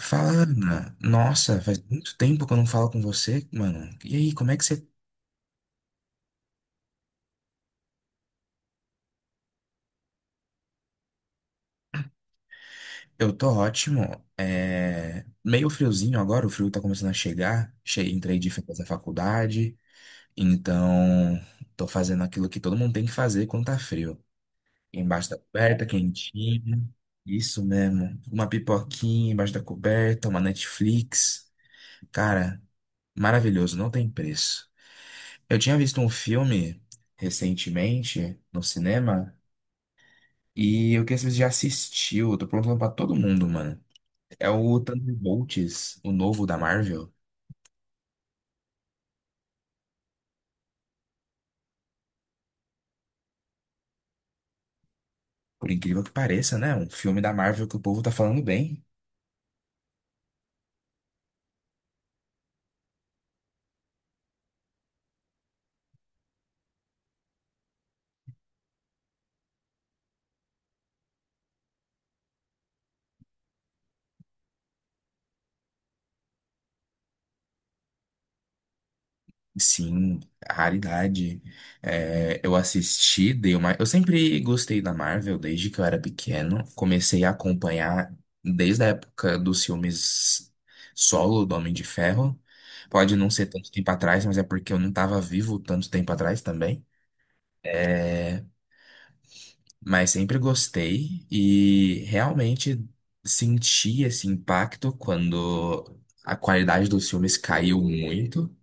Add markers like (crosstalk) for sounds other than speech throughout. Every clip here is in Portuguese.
Fala, Ana. Nossa, faz muito tempo que eu não falo com você, mano. E aí, como é que você. Eu tô ótimo. Meio friozinho agora, o frio tá começando a chegar. Entrei de férias da faculdade, então tô fazendo aquilo que todo mundo tem que fazer quando tá frio. Embaixo da coberta, quentinho. Isso mesmo. Uma pipoquinha embaixo da coberta, uma Netflix. Cara, maravilhoso, não tem preço. Eu tinha visto um filme recentemente no cinema. E eu queria saber se já assistiu. Eu tô perguntando pra todo mundo, mano. É o Thunderbolts, o novo da Marvel. Por incrível que pareça, né? Um filme da Marvel que o povo tá falando bem. Sim, raridade. É, eu assisti, dei uma. Eu sempre gostei da Marvel desde que eu era pequeno. Comecei a acompanhar desde a época dos filmes solo do Homem de Ferro. Pode não ser tanto tempo atrás, mas é porque eu não tava vivo tanto tempo atrás também. É, mas sempre gostei e realmente senti esse impacto quando a qualidade dos filmes caiu muito.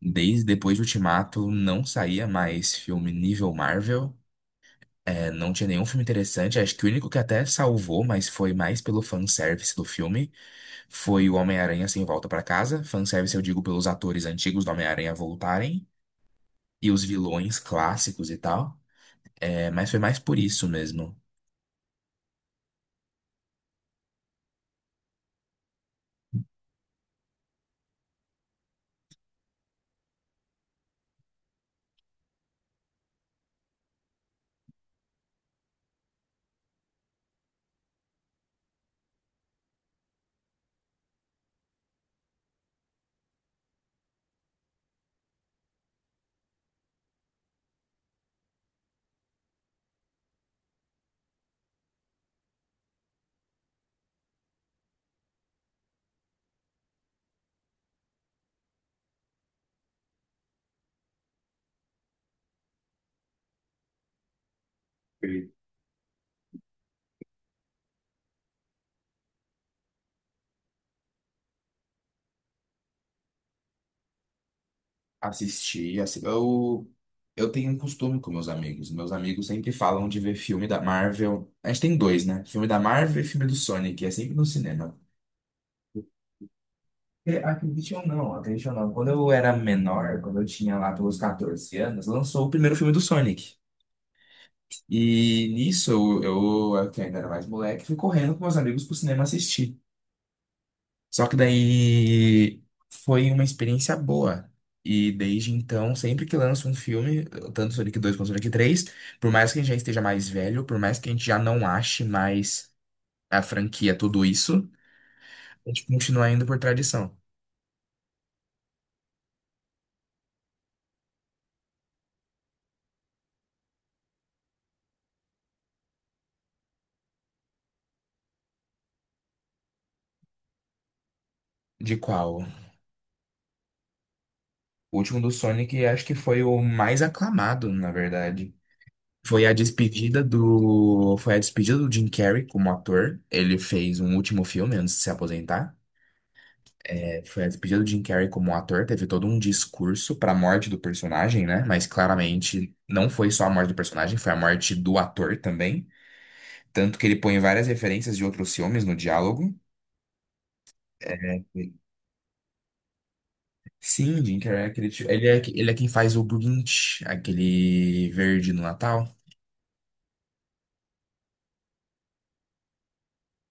Desde depois de Ultimato não saía mais filme nível Marvel. Não tinha nenhum filme interessante. Acho que o único que até salvou, mas foi mais pelo fanservice do filme, foi o Homem-Aranha Sem Volta pra Casa. Fanservice eu digo pelos atores antigos do Homem-Aranha voltarem e os vilões clássicos e tal. É, mas foi mais por isso mesmo. Assisti, assi- eu, eu tenho um costume com meus amigos. Meus amigos sempre falam de ver filme da Marvel. A gente tem dois, né? Filme da Marvel e filme do Sonic, é sempre no cinema. Acredite ou não, acredite ou não. Quando eu era menor, quando eu tinha lá pelos 14 anos, lançou o primeiro filme do Sonic. E nisso, eu que ainda era mais moleque, fui correndo com meus amigos pro cinema assistir. Só que daí foi uma experiência boa. E desde então, sempre que lança um filme, tanto Sonic 2 quanto Sonic 3, por mais que a gente já esteja mais velho, por mais que a gente já não ache mais a franquia tudo isso, a gente continua indo por tradição. De qual? O último do Sonic acho que foi o mais aclamado, na verdade. Foi a despedida do Jim Carrey como ator. Ele fez um último filme antes de se aposentar. Foi a despedida do Jim Carrey como ator, teve todo um discurso para a morte do personagem, né? Mas claramente não foi só a morte do personagem, foi a morte do ator também. Tanto que ele põe várias referências de outros filmes no diálogo. É, sim, Jim Carrey é aquele tio- ele é quem faz o Grinch, aquele verde no Natal.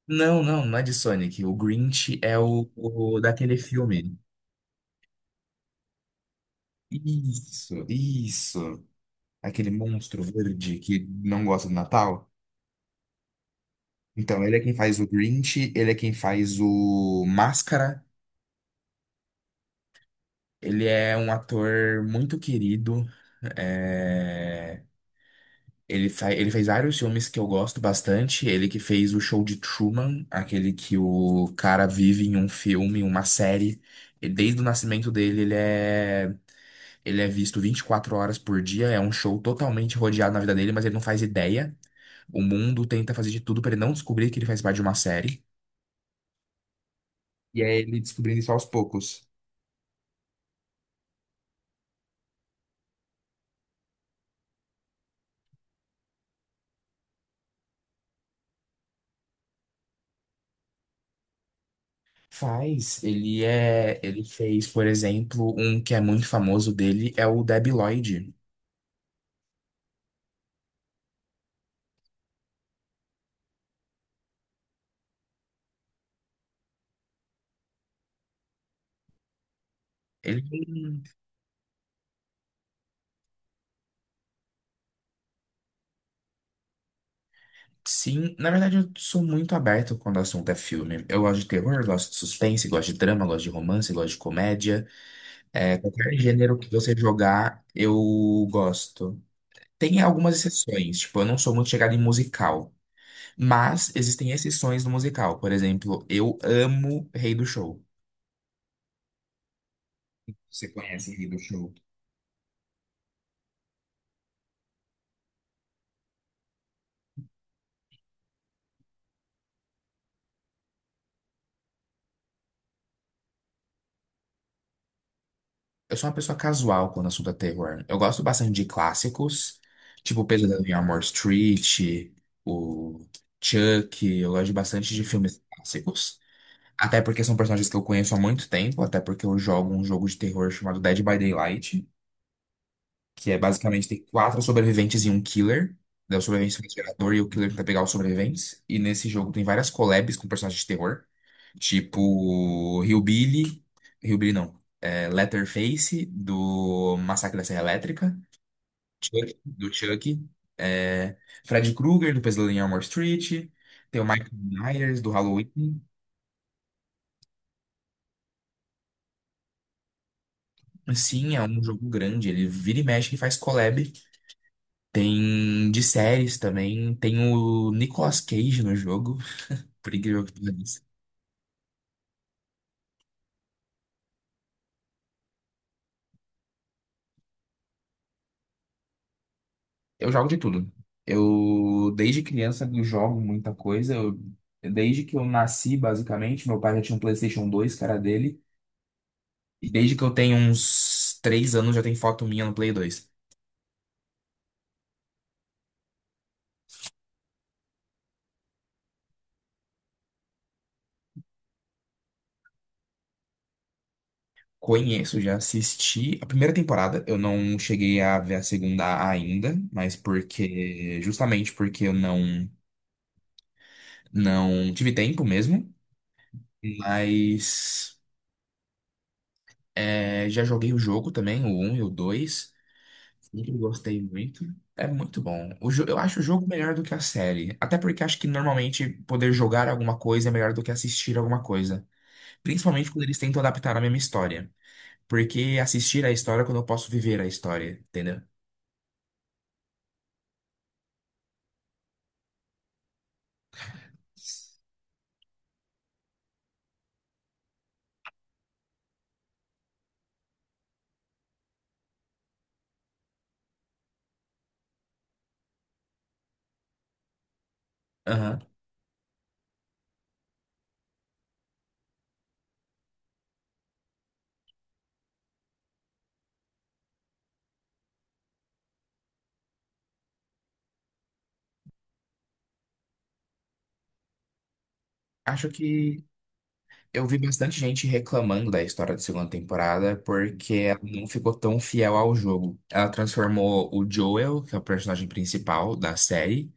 Não é de Sonic. O Grinch é o daquele filme. Isso, isso. Aquele monstro verde que não gosta do Natal. Então, ele é quem faz o Grinch, ele é quem faz o Máscara, ele é um ator muito querido. é, ele fez vários filmes que eu gosto bastante. Ele que fez o show de Truman, aquele que o cara vive em um filme, uma série. E desde o nascimento dele, ele é visto 24 horas por dia. É um show totalmente rodeado na vida dele, mas ele não faz ideia. O mundo tenta fazer de tudo para ele não descobrir que ele faz parte de uma série. E é ele descobrindo isso aos poucos. Faz, ele fez, por exemplo, um que é muito famoso dele é o Debi Lloyd. Ele, sim, na verdade eu sou muito aberto quando o assunto é filme. Eu gosto de terror, gosto de suspense, gosto de drama, gosto de romance, gosto de comédia. É, qualquer gênero que você jogar, eu gosto. Tem algumas exceções, tipo, eu não sou muito chegado em musical, mas existem exceções no musical. Por exemplo, eu amo Rei do Show. Você conhece Rei do Show? Eu sou uma pessoa casual quando o assunto é terror. Eu gosto bastante de clássicos, tipo o Pesadelo em Elm Street, o Chuck. Eu gosto bastante de filmes clássicos. Até porque são personagens que eu conheço há muito tempo, até porque eu jogo um jogo de terror chamado Dead by Daylight, que é basicamente tem quatro sobreviventes e um killer. Daí o sobrevivente é o gerador e o killer tenta pegar os sobreviventes. E nesse jogo tem várias collabs com personagens de terror. Tipo, Hillbilly. Hillbilly não. Leatherface, do Massacre da Serra Elétrica. Chuck, do Chuck. É, Fred Krueger, do Pesadelo em Elm Street. Tem o Michael Myers, do Halloween. Sim, é um jogo grande. Ele vira e mexe e faz collab. Tem de séries também. Tem o Nicolas Cage no jogo, (laughs) por incrível que pareça. Eu jogo de tudo. Eu, desde criança, eu jogo muita coisa. Desde que eu nasci, basicamente, meu pai já tinha um PlayStation 2, cara dele. E desde que eu tenho uns 3 anos, já tem foto minha no Play 2. Conheço, já assisti a primeira temporada. Eu não cheguei a ver a segunda ainda, mas porque, justamente porque eu não, não tive tempo mesmo. Mas é, já joguei o jogo também, o um e o dois. Eu gostei muito. É muito bom. Eu acho o jogo melhor do que a série. Até porque acho que normalmente poder jogar alguma coisa é melhor do que assistir alguma coisa. Principalmente quando eles tentam adaptar a mesma história. Porque assistir a história é quando eu posso viver a história, entendeu? Aham. Acho que eu vi bastante gente reclamando da história da segunda temporada porque ela não ficou tão fiel ao jogo. Ela transformou o Joel, que é o personagem principal da série,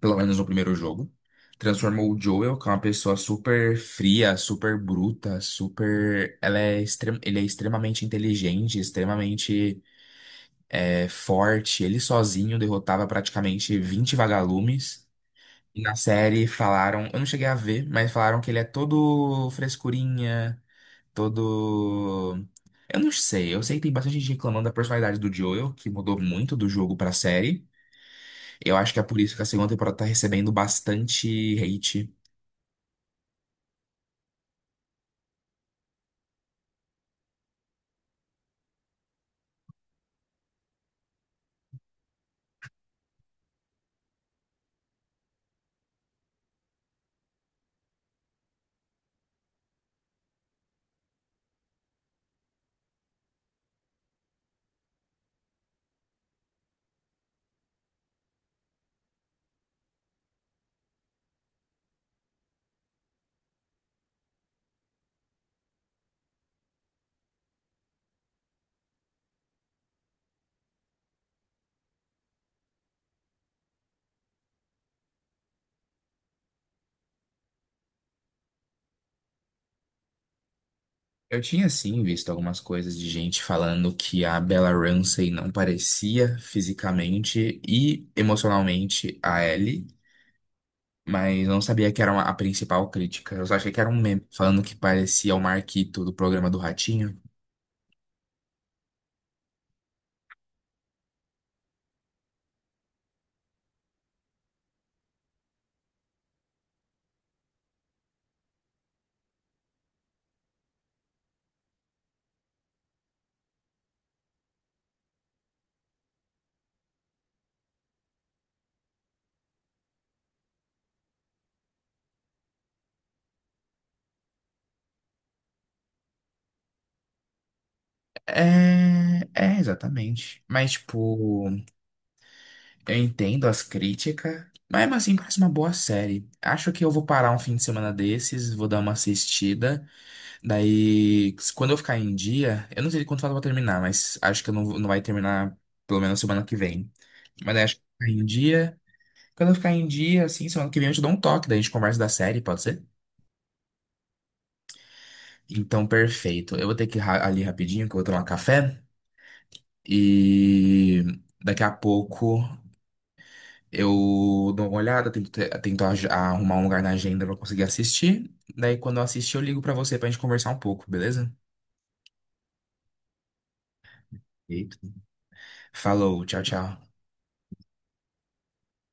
pelo menos no primeiro jogo. Transformou o Joel, que é uma pessoa super fria, super bruta, super. Ele é extremamente inteligente, forte. Ele sozinho derrotava praticamente 20 vagalumes. E na série falaram, eu não cheguei a ver, mas falaram que ele é todo frescurinha, todo. Eu não sei, eu sei que tem bastante gente reclamando da personalidade do Joel, que mudou muito do jogo pra série. Eu acho que é por isso que a segunda temporada tá recebendo bastante hate. Eu tinha sim visto algumas coisas de gente falando que a Bella Ramsey não parecia fisicamente e emocionalmente a Ellie, mas não sabia que era a principal crítica. Eu só achei que era um meme falando que parecia o Marquito do programa do Ratinho. É, é exatamente. Mas tipo, eu entendo as críticas, mas mesmo assim parece uma boa série. Acho que eu vou parar um fim de semana desses, vou dar uma assistida. Daí, quando eu ficar em dia, eu não sei quanto falta pra terminar, mas acho que eu não, vou- não vai terminar pelo menos semana que vem. Mas daí acho que ficar em dia. Quando eu ficar em dia, assim, semana que vem eu te dou um toque, daí a gente conversa da série, pode ser? Então, perfeito. Eu vou ter que ali rapidinho, que eu vou tomar café. E daqui a pouco eu dou uma olhada, arrumar um lugar na agenda pra eu conseguir assistir. Daí, quando eu assistir, eu ligo pra você pra gente conversar um pouco, beleza? Perfeito. Falou, tchau, tchau.